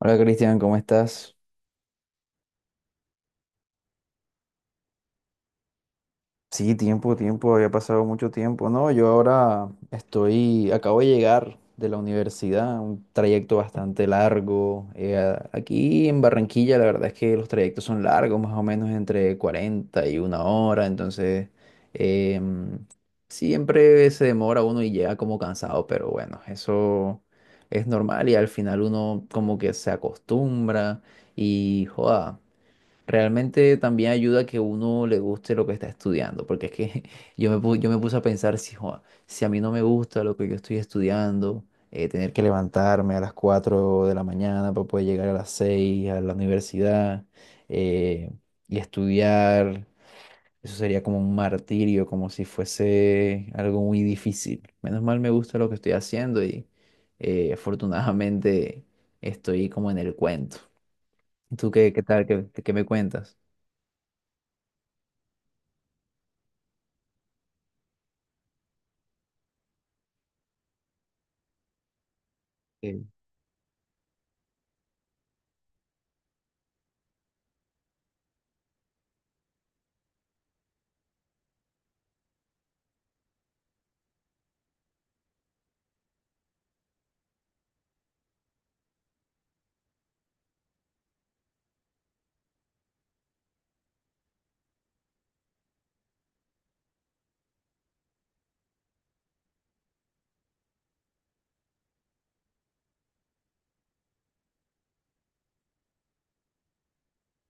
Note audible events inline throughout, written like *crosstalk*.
Hola Cristian, ¿cómo estás? Sí, tiempo, había pasado mucho tiempo. No, yo ahora estoy, acabo de llegar de la universidad, un trayecto bastante largo. Aquí en Barranquilla la verdad es que los trayectos son largos, más o menos entre 40 y una hora, entonces em, siempre se demora uno y llega como cansado, pero bueno, eso es normal y al final uno como que se acostumbra y joda. Realmente también ayuda a que uno le guste lo que está estudiando, porque es que *laughs* yo me puse a pensar si, "Joa, si a mí no me gusta lo que yo estoy estudiando, tener que levantarme a las 4 de la mañana para poder llegar a las 6 a la universidad eh, y estudiar, eso sería como un martirio, como si fuese algo muy difícil. Menos mal me gusta lo que estoy haciendo y afortunadamente estoy como en el cuento. ¿Tú qué tal? Qué me cuentas?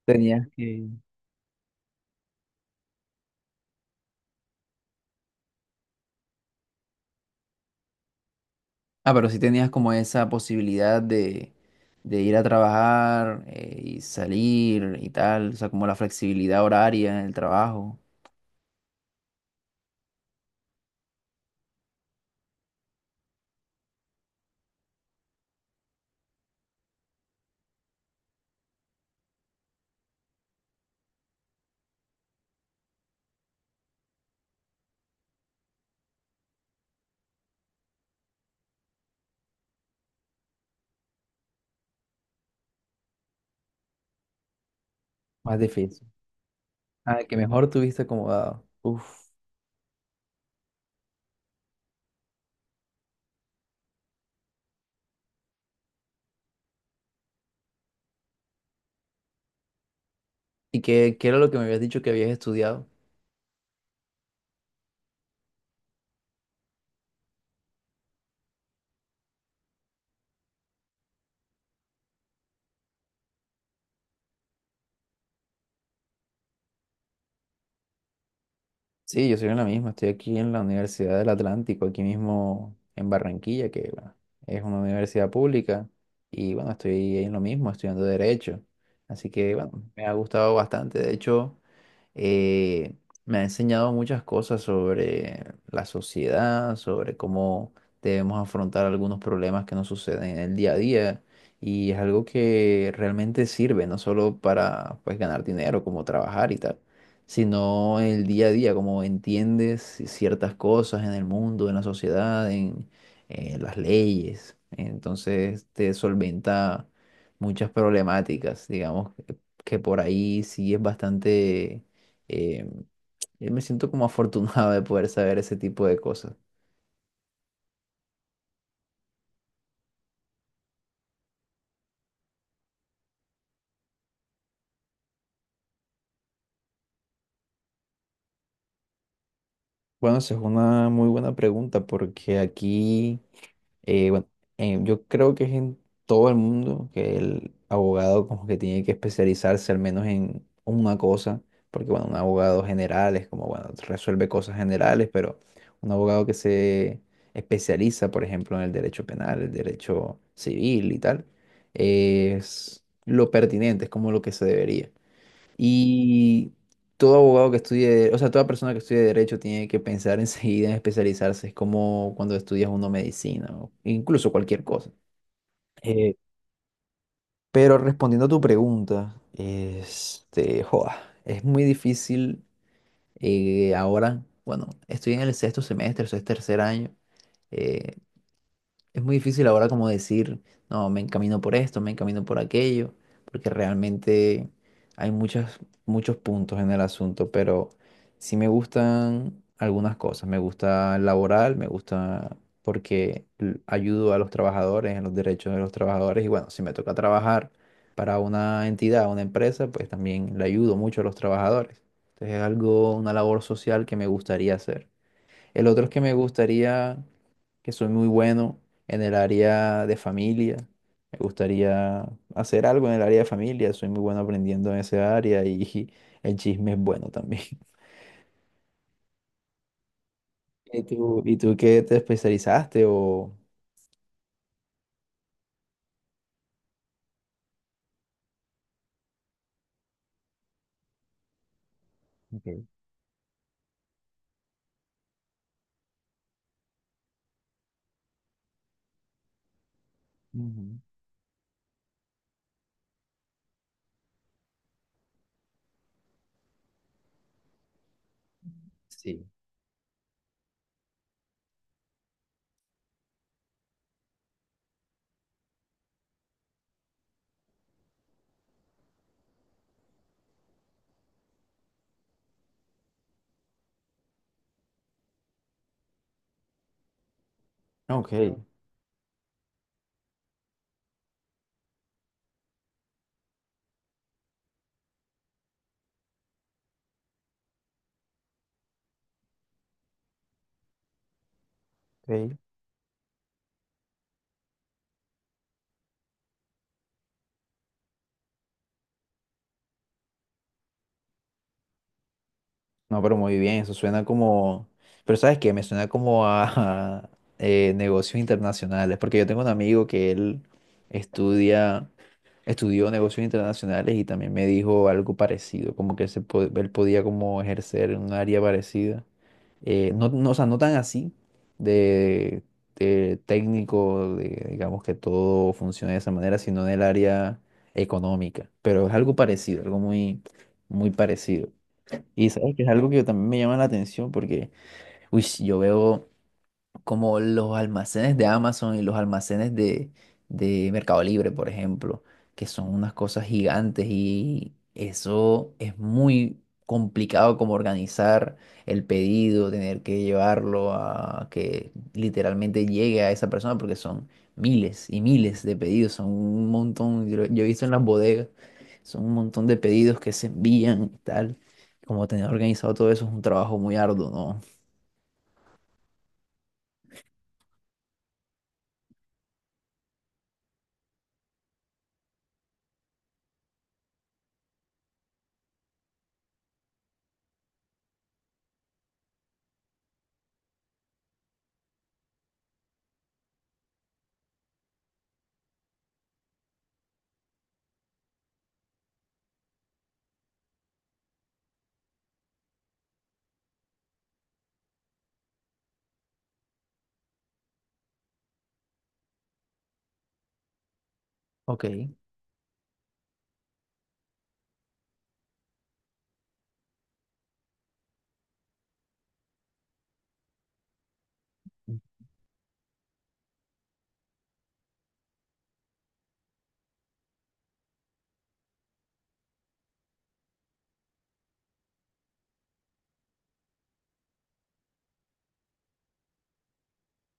Tenías que... Ah, pero sí tenías como esa posibilidad de ir a trabajar y salir y tal, o sea, como la flexibilidad horaria en el trabajo. Más difícil. Ah, que mejor tuviste acomodado. Uf. ¿Y qué era lo que me habías dicho que habías estudiado? Sí, yo soy en la misma, estoy aquí en la Universidad del Atlántico, aquí mismo en Barranquilla, que bueno, es una universidad pública, y bueno, estoy en lo mismo, estudiando Derecho. Así que bueno, me ha gustado bastante, de hecho, eh, me ha enseñado muchas cosas sobre la sociedad, sobre cómo debemos afrontar algunos problemas que nos suceden en el día a día, y es algo que realmente sirve, no solo para pues ganar dinero, como trabajar y tal sino en el día a día, como entiendes ciertas cosas en el mundo, en la sociedad, las leyes. Entonces te solventa muchas problemáticas, digamos, que por ahí sí es bastante... eh, yo me siento como *laughs* afortunado de poder saber ese tipo de cosas. Bueno, esa es una muy buena pregunta porque aquí... bueno, yo creo que es en todo el mundo que el abogado como que tiene que especializarse al menos en una cosa, porque bueno, un abogado general es como, bueno, resuelve cosas generales, pero un abogado que se especializa, por ejemplo, en el derecho penal, el derecho civil y tal, es lo pertinente, es como lo que se debería. Y todo abogado que estudie, o sea, toda persona que estudie derecho tiene que pensar *laughs* enseguida en especializarse. Es como cuando estudias uno medicina o incluso cualquier cosa. Eh, pero respondiendo a tu pregunta, este, joa, es muy difícil ahora. Bueno, estoy en el sexto semestre, eso es tercer año. eh, Es muy difícil ahora como decir, no, me encamino por esto, me encamino por aquello, porque realmente hay muchos puntos en el asunto, pero sí me gustan algunas cosas. Me gusta el laboral, me gusta porque ayudo a los trabajadores, en los derechos de los trabajadores, y bueno, si me toca trabajar para una entidad, una empresa, pues también le ayudo mucho a los trabajadores. Entonces es algo, una labor social que me gustaría hacer. El otro es que me gustaría que soy muy bueno en el área de familia. Me gustaría hacer algo en el área de familia. Soy muy bueno aprendiendo en esa área y *laughs* el chisme es bueno también. *laughs* ¿Y y tú qué te especializaste o...? Ok. Ujú. Sí. Ok, ok. No, pero muy bien, eso suena como... Pero ¿sabes qué? Me suena como a, *laughs* negocios internacionales, porque yo tengo un amigo que él estudia estudió negocios internacionales y también me dijo algo parecido, como que él podía como ejercer en un área parecida. No, o sea, no tan así de, de técnico, de, digamos que todo funcione de esa manera, sino en el área económica. Pero es algo parecido, algo muy parecido. Y sabes que es algo que también me llama la atención porque, uy, yo veo como los almacenes de Amazon y los almacenes de Mercado Libre, por ejemplo, que son unas cosas gigantes y eso es muy complicado como organizar el pedido, tener que llevarlo a que literalmente llegue a esa persona porque son miles y miles de pedidos, son un montón, yo he visto en las bodegas, son un montón de pedidos que se envían y tal. Como tener organizado todo eso es un trabajo muy arduo, ¿no? Ok.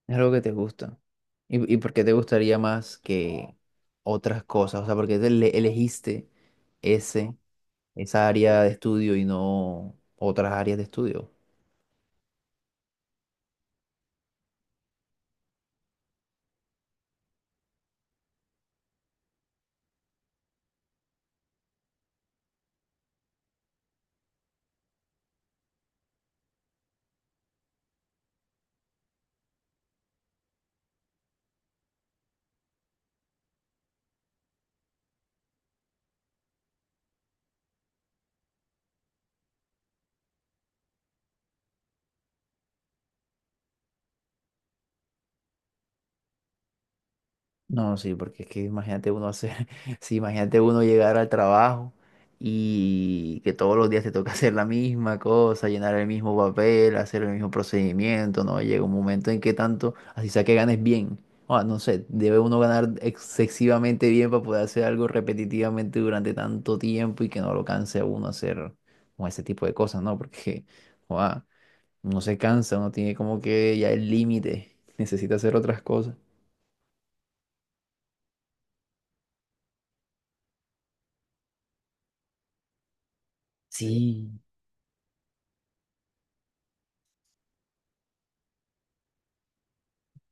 Es algo que te gusta. Y por qué te gustaría más que otras cosas? O sea, ¿por qué elegiste ese, esa área de estudio y no otras áreas de estudio? No, sí, porque es que imagínate uno hacer, *laughs* sí, imagínate uno llegar al trabajo y que todos los días te toca hacer la misma cosa, llenar el mismo papel, hacer el mismo procedimiento, ¿no? Llega un momento en que tanto, así sea que ganes bien, o no sé, debe uno ganar excesivamente bien para poder hacer algo repetitivamente durante tanto tiempo y que no lo canse a uno hacer como ese tipo de cosas, ¿no? Porque, joda, uno se cansa, uno tiene como que ya el límite, *laughs* necesita hacer otras cosas. Sí,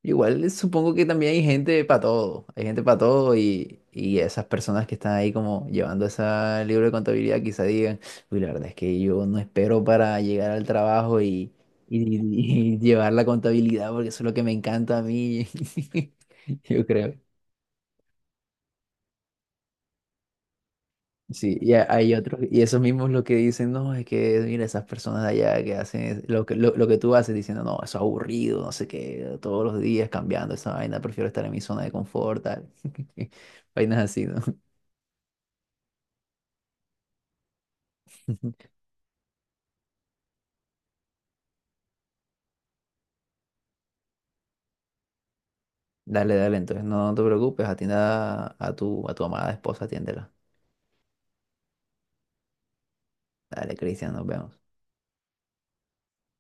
Igual supongo que también hay gente para todo, hay gente para todo y esas personas que están ahí como llevando ese libro de contabilidad quizá digan, uy, la verdad es que yo no espero para llegar al trabajo y- y *laughs* llevar la contabilidad porque eso es lo que me encanta a mí, *laughs* yo creo. Sí, y hay otros, y esos mismos lo que dicen, no, es que mira, esas personas de allá que hacen lo que tú haces diciendo, no, eso es aburrido, no sé qué, todos los días cambiando esa vaina, prefiero estar en mi zona de confort, tal. *laughs* Vainas así, ¿no? *laughs* Dale, dale, entonces no, no te preocupes, atienda a tu amada esposa, atiéndela. Dale, Cristian, nos vemos.